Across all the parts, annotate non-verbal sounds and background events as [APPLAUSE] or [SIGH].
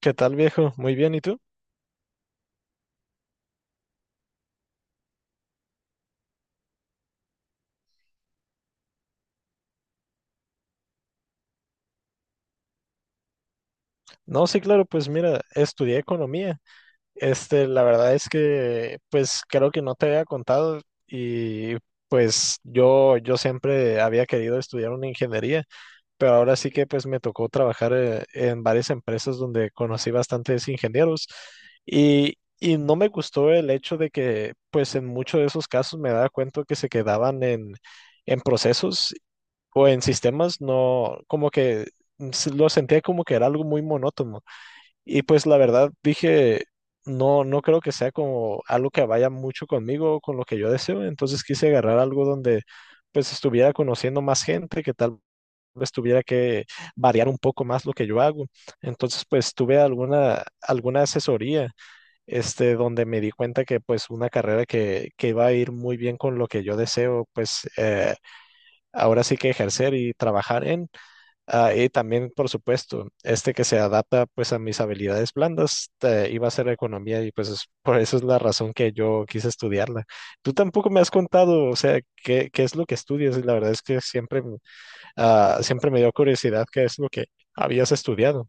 ¿Qué tal, viejo? Muy bien, ¿y tú? No, sí, claro, pues mira, estudié economía. Este, la verdad es que, pues creo que no te había contado y pues yo siempre había querido estudiar una ingeniería, pero ahora sí que pues me tocó trabajar en varias empresas donde conocí bastantes ingenieros y, y no me gustó el hecho de que pues en muchos de esos casos me daba cuenta que se quedaban en procesos o en sistemas, no, como que lo sentía como que era algo muy monótono. Y pues la verdad dije, no, no creo que sea como algo que vaya mucho conmigo, con lo que yo deseo. Entonces quise agarrar algo donde pues estuviera conociendo más gente, que tal vez tuviera que variar un poco más lo que yo hago. Entonces pues tuve alguna asesoría, este, donde me di cuenta que pues una carrera que iba a ir muy bien con lo que yo deseo, pues... ahora sí que ejercer y trabajar en. Ah, y también, por supuesto, este que se adapta pues a mis habilidades blandas, iba a ser economía y pues por eso es la razón que yo quise estudiarla. Tú tampoco me has contado, o sea, qué es lo que estudias y la verdad es que siempre, siempre me dio curiosidad qué es lo que habías estudiado.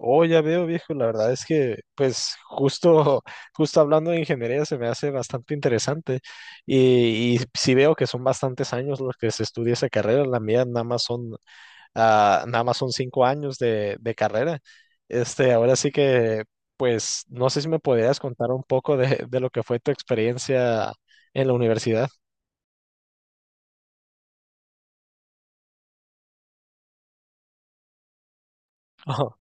Oh, ya veo, viejo, la verdad es que pues justo, [LAUGHS] justo hablando de ingeniería se me hace bastante interesante y sí veo que son bastantes años los que se estudia esa carrera, la mía nada más son Ah, nada más son 5 años de carrera. Este, ahora sí que, pues, no sé si me podrías contar un poco de lo que fue tu experiencia en la universidad. [LAUGHS] Ajá.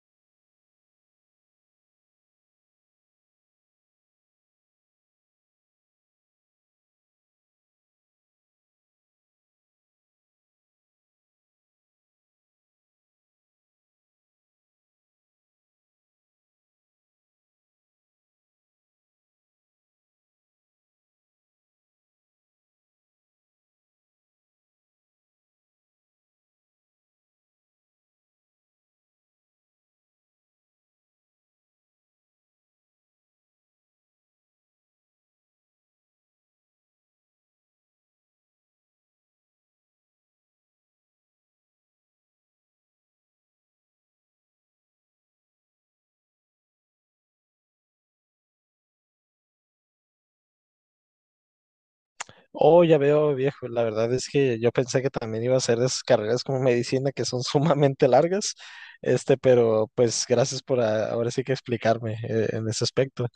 Oh, ya veo, viejo. La verdad es que yo pensé que también iba a ser de esas carreras como medicina que son [LAUGHS] sumamente largas. Este, pero pues gracias por ahora sí que explicarme en ese aspecto.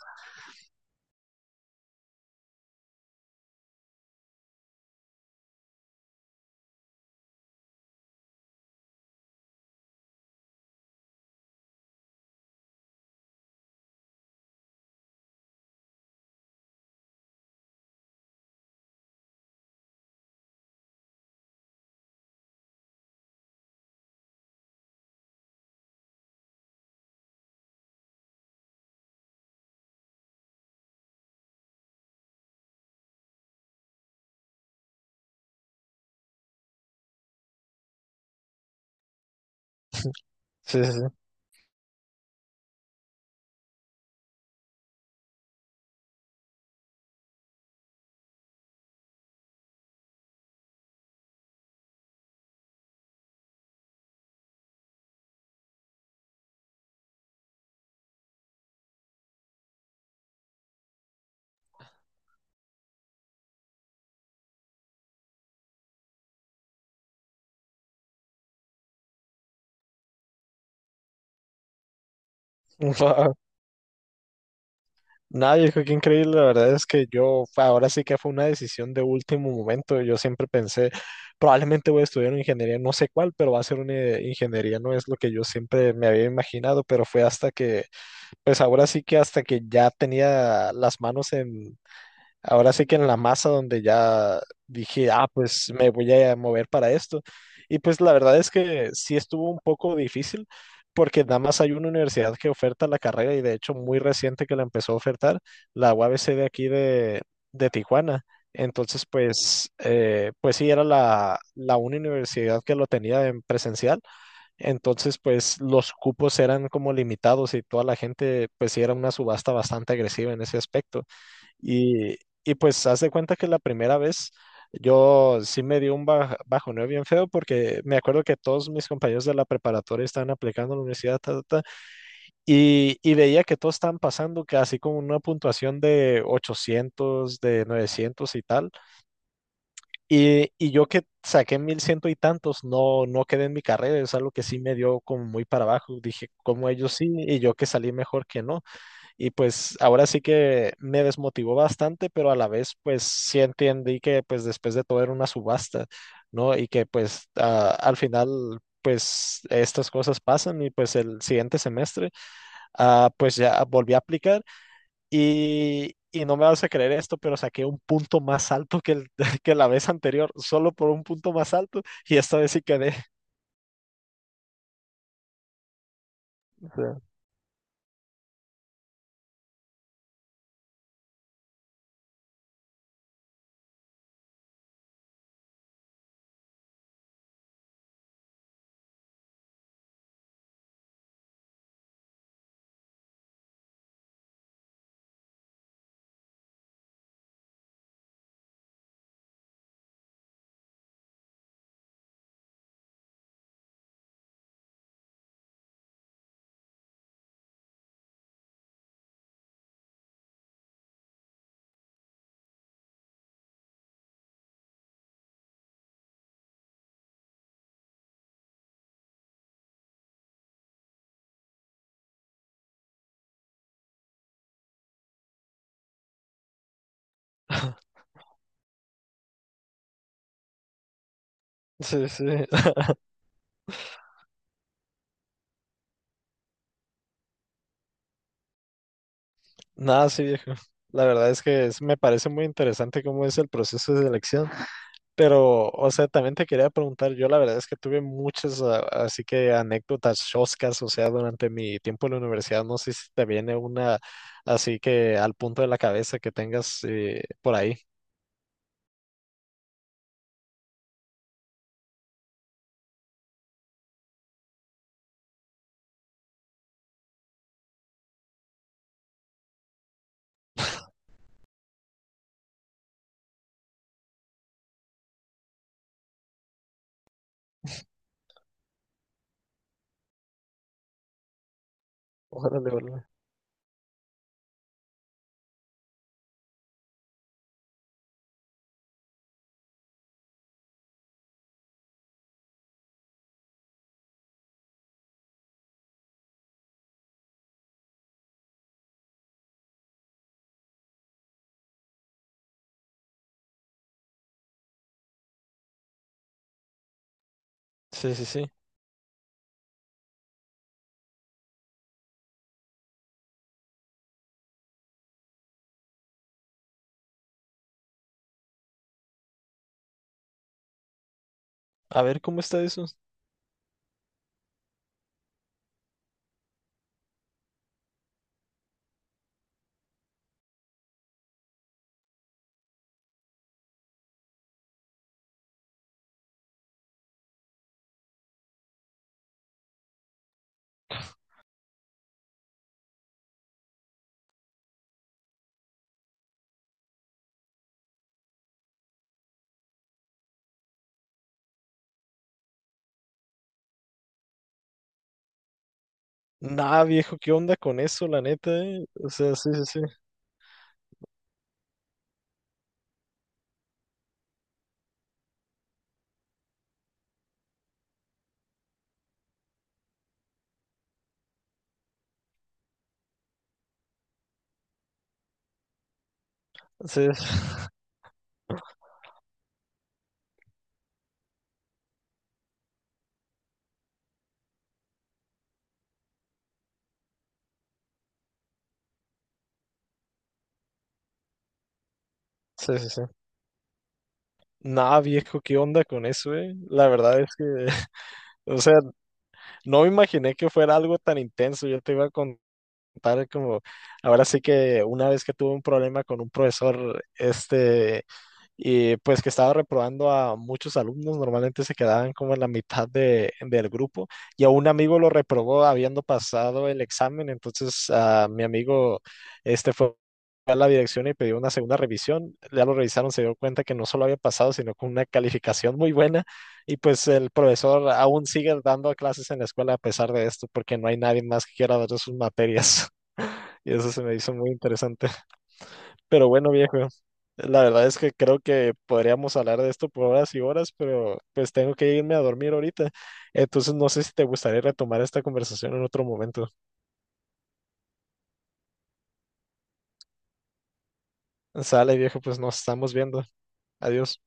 Sí, sí, sí. [LAUGHS] Wow. Nada, viejo, qué increíble. La verdad es que yo, ahora sí que fue una decisión de último momento. Yo siempre pensé, probablemente voy a estudiar una ingeniería, no sé cuál, pero va a ser una ingeniería, no es lo que yo siempre me había imaginado, pero fue hasta que, pues ahora sí que hasta que ya tenía las manos en, ahora sí que en la masa donde ya dije, ah, pues me voy a mover para esto. Y pues la verdad es que sí estuvo un poco difícil porque nada más hay una universidad que oferta la carrera y de hecho muy reciente que la empezó a ofertar, la UABC de aquí de Tijuana. Entonces, pues, pues sí, era la única universidad que lo tenía en presencial. Entonces, pues los cupos eran como limitados y toda la gente, pues sí, era una subasta bastante agresiva en ese aspecto. Y, y pues haz de cuenta que la primera vez yo sí me dio un bajo bajoneo bien feo porque me acuerdo que todos mis compañeros de la preparatoria estaban aplicando a la universidad ta, ta, ta, y veía que todos estaban pasando casi con una puntuación de 800 de 900 y tal. Y yo que saqué 1100 y tantos, no, no quedé en mi carrera, es algo que sí me dio como muy para abajo. Dije, como ellos sí, y yo que salí mejor que no. Y pues ahora sí que me desmotivó bastante, pero a la vez pues sí entendí que pues después de todo era una subasta, ¿no? Y que pues al final pues estas cosas pasan y pues el siguiente semestre pues ya volví a aplicar y no me vas a creer esto, pero saqué un punto más alto que, el, [LAUGHS] que la vez anterior, solo por un punto más alto y esta vez sí quedé. [LAUGHS] Sí, sí. [LAUGHS] Nada, sí, viejo. La verdad es que me parece muy interesante cómo es el proceso de selección. Pero, o sea, también te quería preguntar, yo la verdad es que tuve muchas, así que anécdotas choscas, o sea, durante mi tiempo en la universidad, no sé si te viene una así que al punto de la cabeza que tengas por ahí. Órale, órale. Sí, sí, sí. A ver, ¿cómo está eso? Nah, viejo, ¿qué onda con eso, la neta, eh? O sea, sí, sí, sí. Sí, [LAUGHS] sí, sí, sí. Nah, viejo, ¿qué onda con eso, eh? La verdad es que, [LAUGHS] o sea, no me imaginé que fuera algo tan intenso. Yo te iba a contar como, ahora sí que una vez que tuve un problema con un profesor, este, y pues que estaba reprobando a muchos alumnos, normalmente se quedaban como en la mitad del grupo, y a un amigo lo reprobó habiendo pasado el examen, entonces a mi amigo, este fue a la dirección y pidió una segunda revisión, ya lo revisaron, se dio cuenta que no solo había pasado, sino con una calificación muy buena, y pues el profesor aún sigue dando clases en la escuela a pesar de esto, porque no hay nadie más que quiera dar sus materias. Y eso se me hizo muy interesante. [LAUGHS] Pero bueno, viejo, la verdad es que creo que podríamos hablar de esto por horas y horas, pero pues tengo que irme a dormir ahorita. Entonces no sé si te gustaría retomar esta conversación en otro momento. Sale, viejo, pues nos estamos viendo. Adiós.